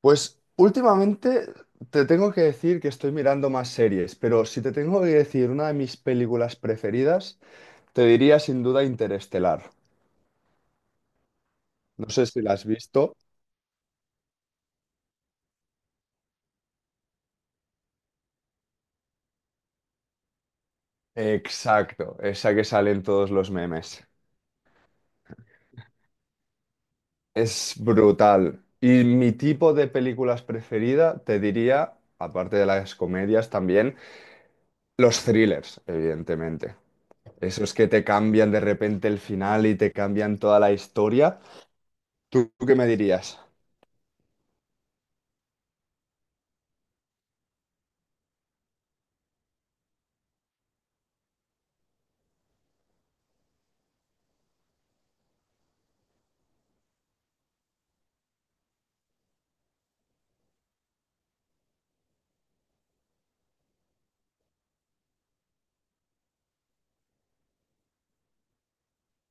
Pues últimamente te tengo que decir que estoy mirando más series, pero si te tengo que decir una de mis películas preferidas, te diría sin duda Interestelar. No sé si la has visto. Exacto, esa que sale en todos los memes. Es brutal. Y mi tipo de películas preferida, te diría, aparte de las comedias también, los thrillers, evidentemente. Esos que te cambian de repente el final y te cambian toda la historia. ¿Tú qué me dirías?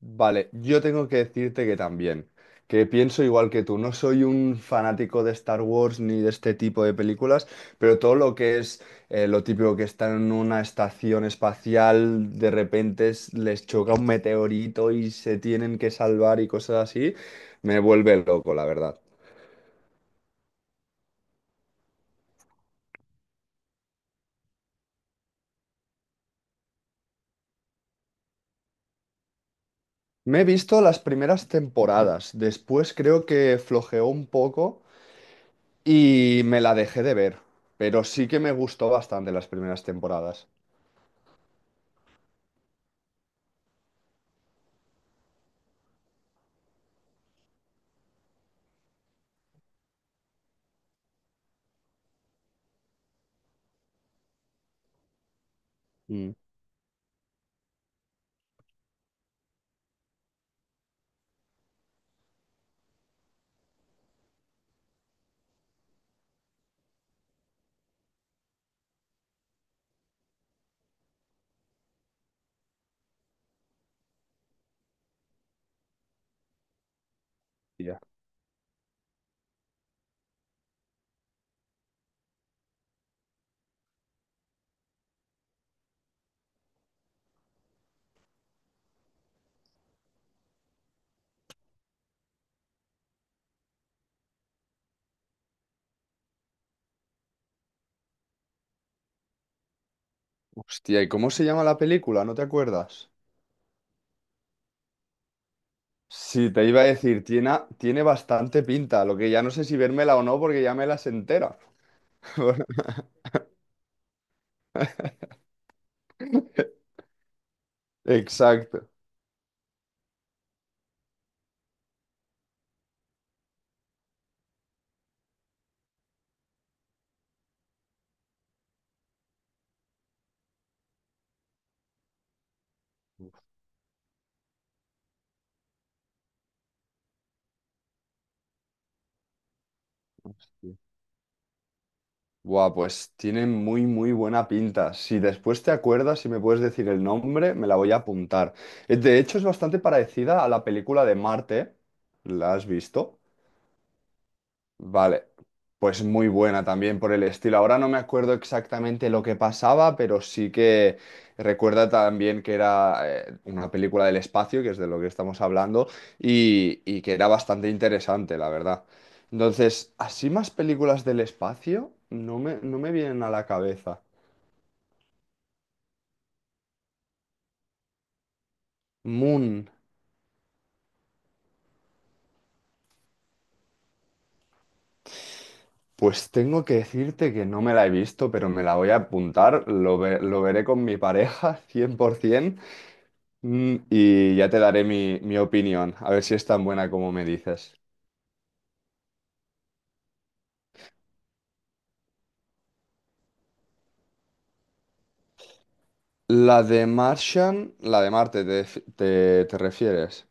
Vale, yo tengo que decirte que también, que pienso igual que tú, no soy un fanático de Star Wars ni de este tipo de películas, pero todo lo que es lo típico que están en una estación espacial, de repente les choca un meteorito y se tienen que salvar y cosas así, me vuelve loco, la verdad. Me he visto las primeras temporadas, después creo que flojeó un poco y me la dejé de ver, pero sí que me gustó bastante las primeras temporadas. Mm. Hostia, ¿y cómo se llama la película? ¿No te acuerdas? Sí, te iba a decir, tiene bastante pinta, lo que ya no sé si vérmela o no porque ya me las entera. Exacto. Hostia. Buah, pues tiene muy buena pinta. Si después te acuerdas, si me puedes decir el nombre, me la voy a apuntar. De hecho, es bastante parecida a la película de Marte. ¿La has visto? Vale, pues muy buena también por el estilo. Ahora no me acuerdo exactamente lo que pasaba, pero sí que recuerda también que era una película del espacio, que es de lo que estamos hablando, y que era bastante interesante, la verdad. Entonces, así más películas del espacio no me vienen a la cabeza. Moon, pues tengo que decirte que no me la he visto, pero me la voy a apuntar, lo veré con mi pareja 100%. Mm, y ya te daré mi opinión, a ver si es tan buena como me dices. La de Martian, la de Marte, te refieres.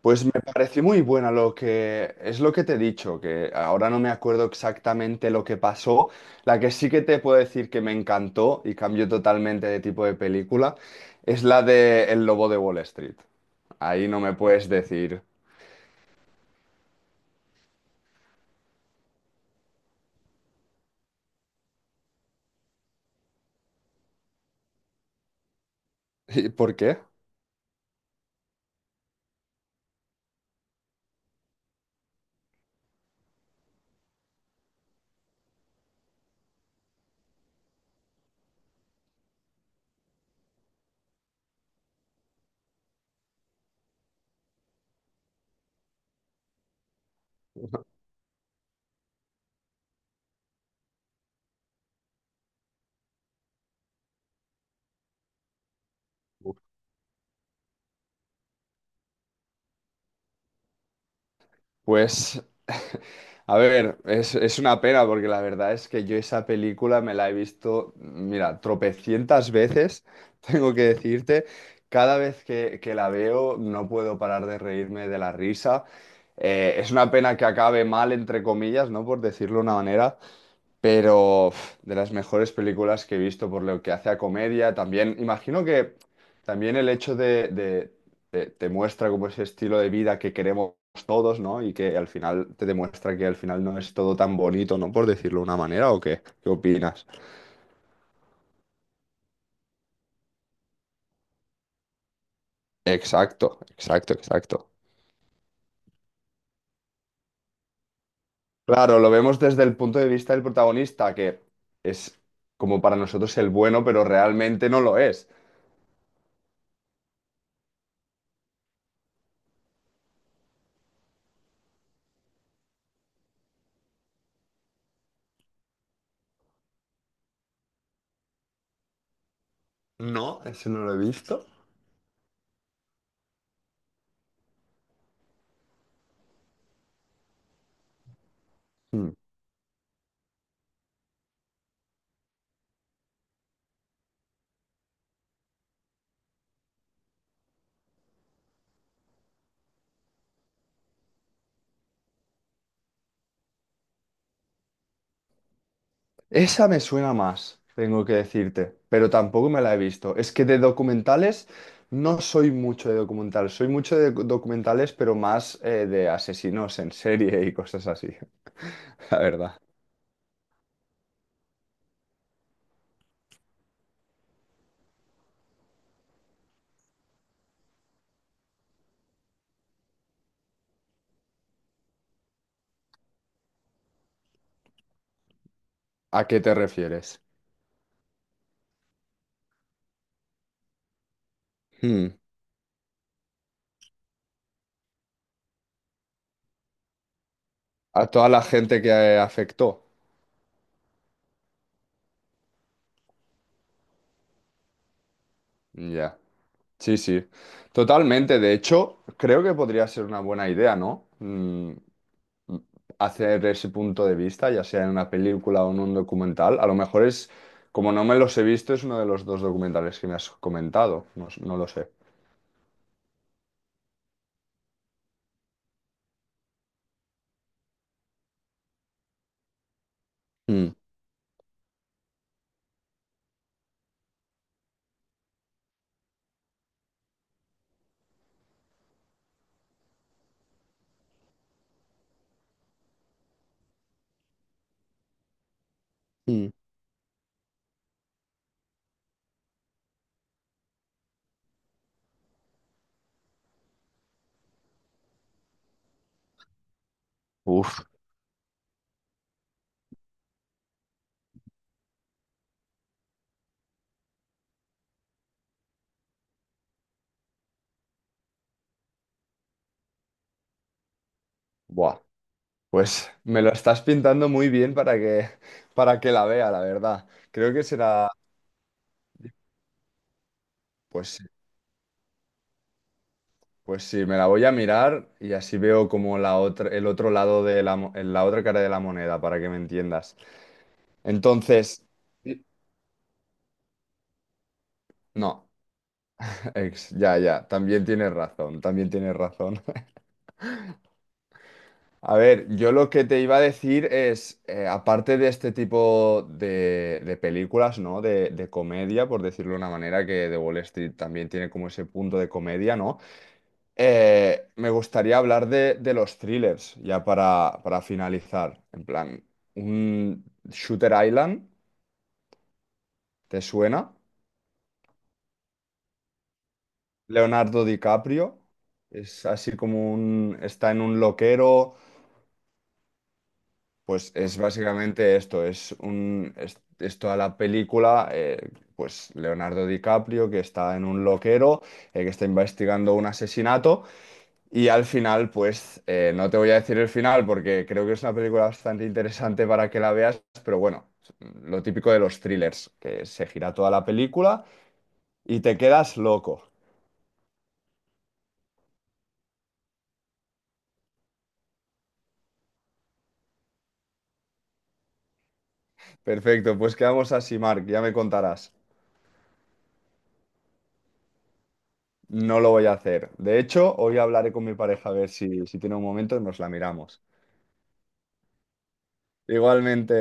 Pues me pareció muy buena lo que es lo que te he dicho, que ahora no me acuerdo exactamente lo que pasó. La que sí que te puedo decir que me encantó y cambió totalmente de tipo de película es la de El Lobo de Wall Street. Ahí no me puedes decir. ¿Y por qué? Pues, a ver, es una pena porque la verdad es que yo esa película me la he visto, mira, tropecientas veces, tengo que decirte. Cada vez que la veo no puedo parar de reírme de la risa. Es una pena que acabe mal, entre comillas, ¿no? Por decirlo de una manera, pero uf, de las mejores películas que he visto por lo que hace a comedia. También, imagino que también el hecho te muestra como ese estilo de vida que queremos todos, ¿no? Y que al final te demuestra que al final no es todo tan bonito, ¿no? Por decirlo de una manera, ¿o qué? ¿Qué opinas? Exacto, exacto, exacto. Claro, lo vemos desde el punto de vista del protagonista, que es como para nosotros el bueno, pero realmente no lo es. No, eso no lo he visto. Esa me suena más, tengo que decirte, pero tampoco me la he visto. Es que de documentales no soy mucho de documentales, soy mucho de documentales, pero más de asesinos en serie y cosas así, la verdad. ¿A qué te refieres? Hmm. A toda la gente que afectó. Ya. Sí, sí. Totalmente. De hecho, creo que podría ser una buena idea, ¿no? Mm, hacer ese punto de vista, ya sea en una película o en un documental. A lo mejor es, como no me los he visto, es uno de los dos documentales que me has comentado. No lo sé. Mm. Mm. Uf, buah. Pues me lo estás pintando muy bien para que la vea, la verdad. Creo que será, pues sí, pues sí, me la voy a mirar y así veo como la otra, el otro lado de la otra cara de la moneda, para que me entiendas. Entonces, no. Ya, ya, también tienes razón, también tienes razón. A ver, yo lo que te iba a decir es, aparte de este tipo de películas, ¿no? De comedia, por decirlo de una manera, que The Wall Street también tiene como ese punto de comedia, ¿no? Me gustaría hablar de los thrillers, ya para finalizar. En plan, un Shooter Island, ¿te suena? Leonardo DiCaprio, es así como un, está en un loquero. Pues es básicamente esto, es toda la película, pues Leonardo DiCaprio que está en un loquero, que está investigando un asesinato y al final, pues no te voy a decir el final porque creo que es una película bastante interesante para que la veas, pero bueno, lo típico de los thrillers, que se gira toda la película y te quedas loco. Perfecto, pues quedamos así, Mark, ya me contarás. No lo voy a hacer. De hecho, hoy hablaré con mi pareja a ver si tiene un momento y nos la miramos. Igualmente.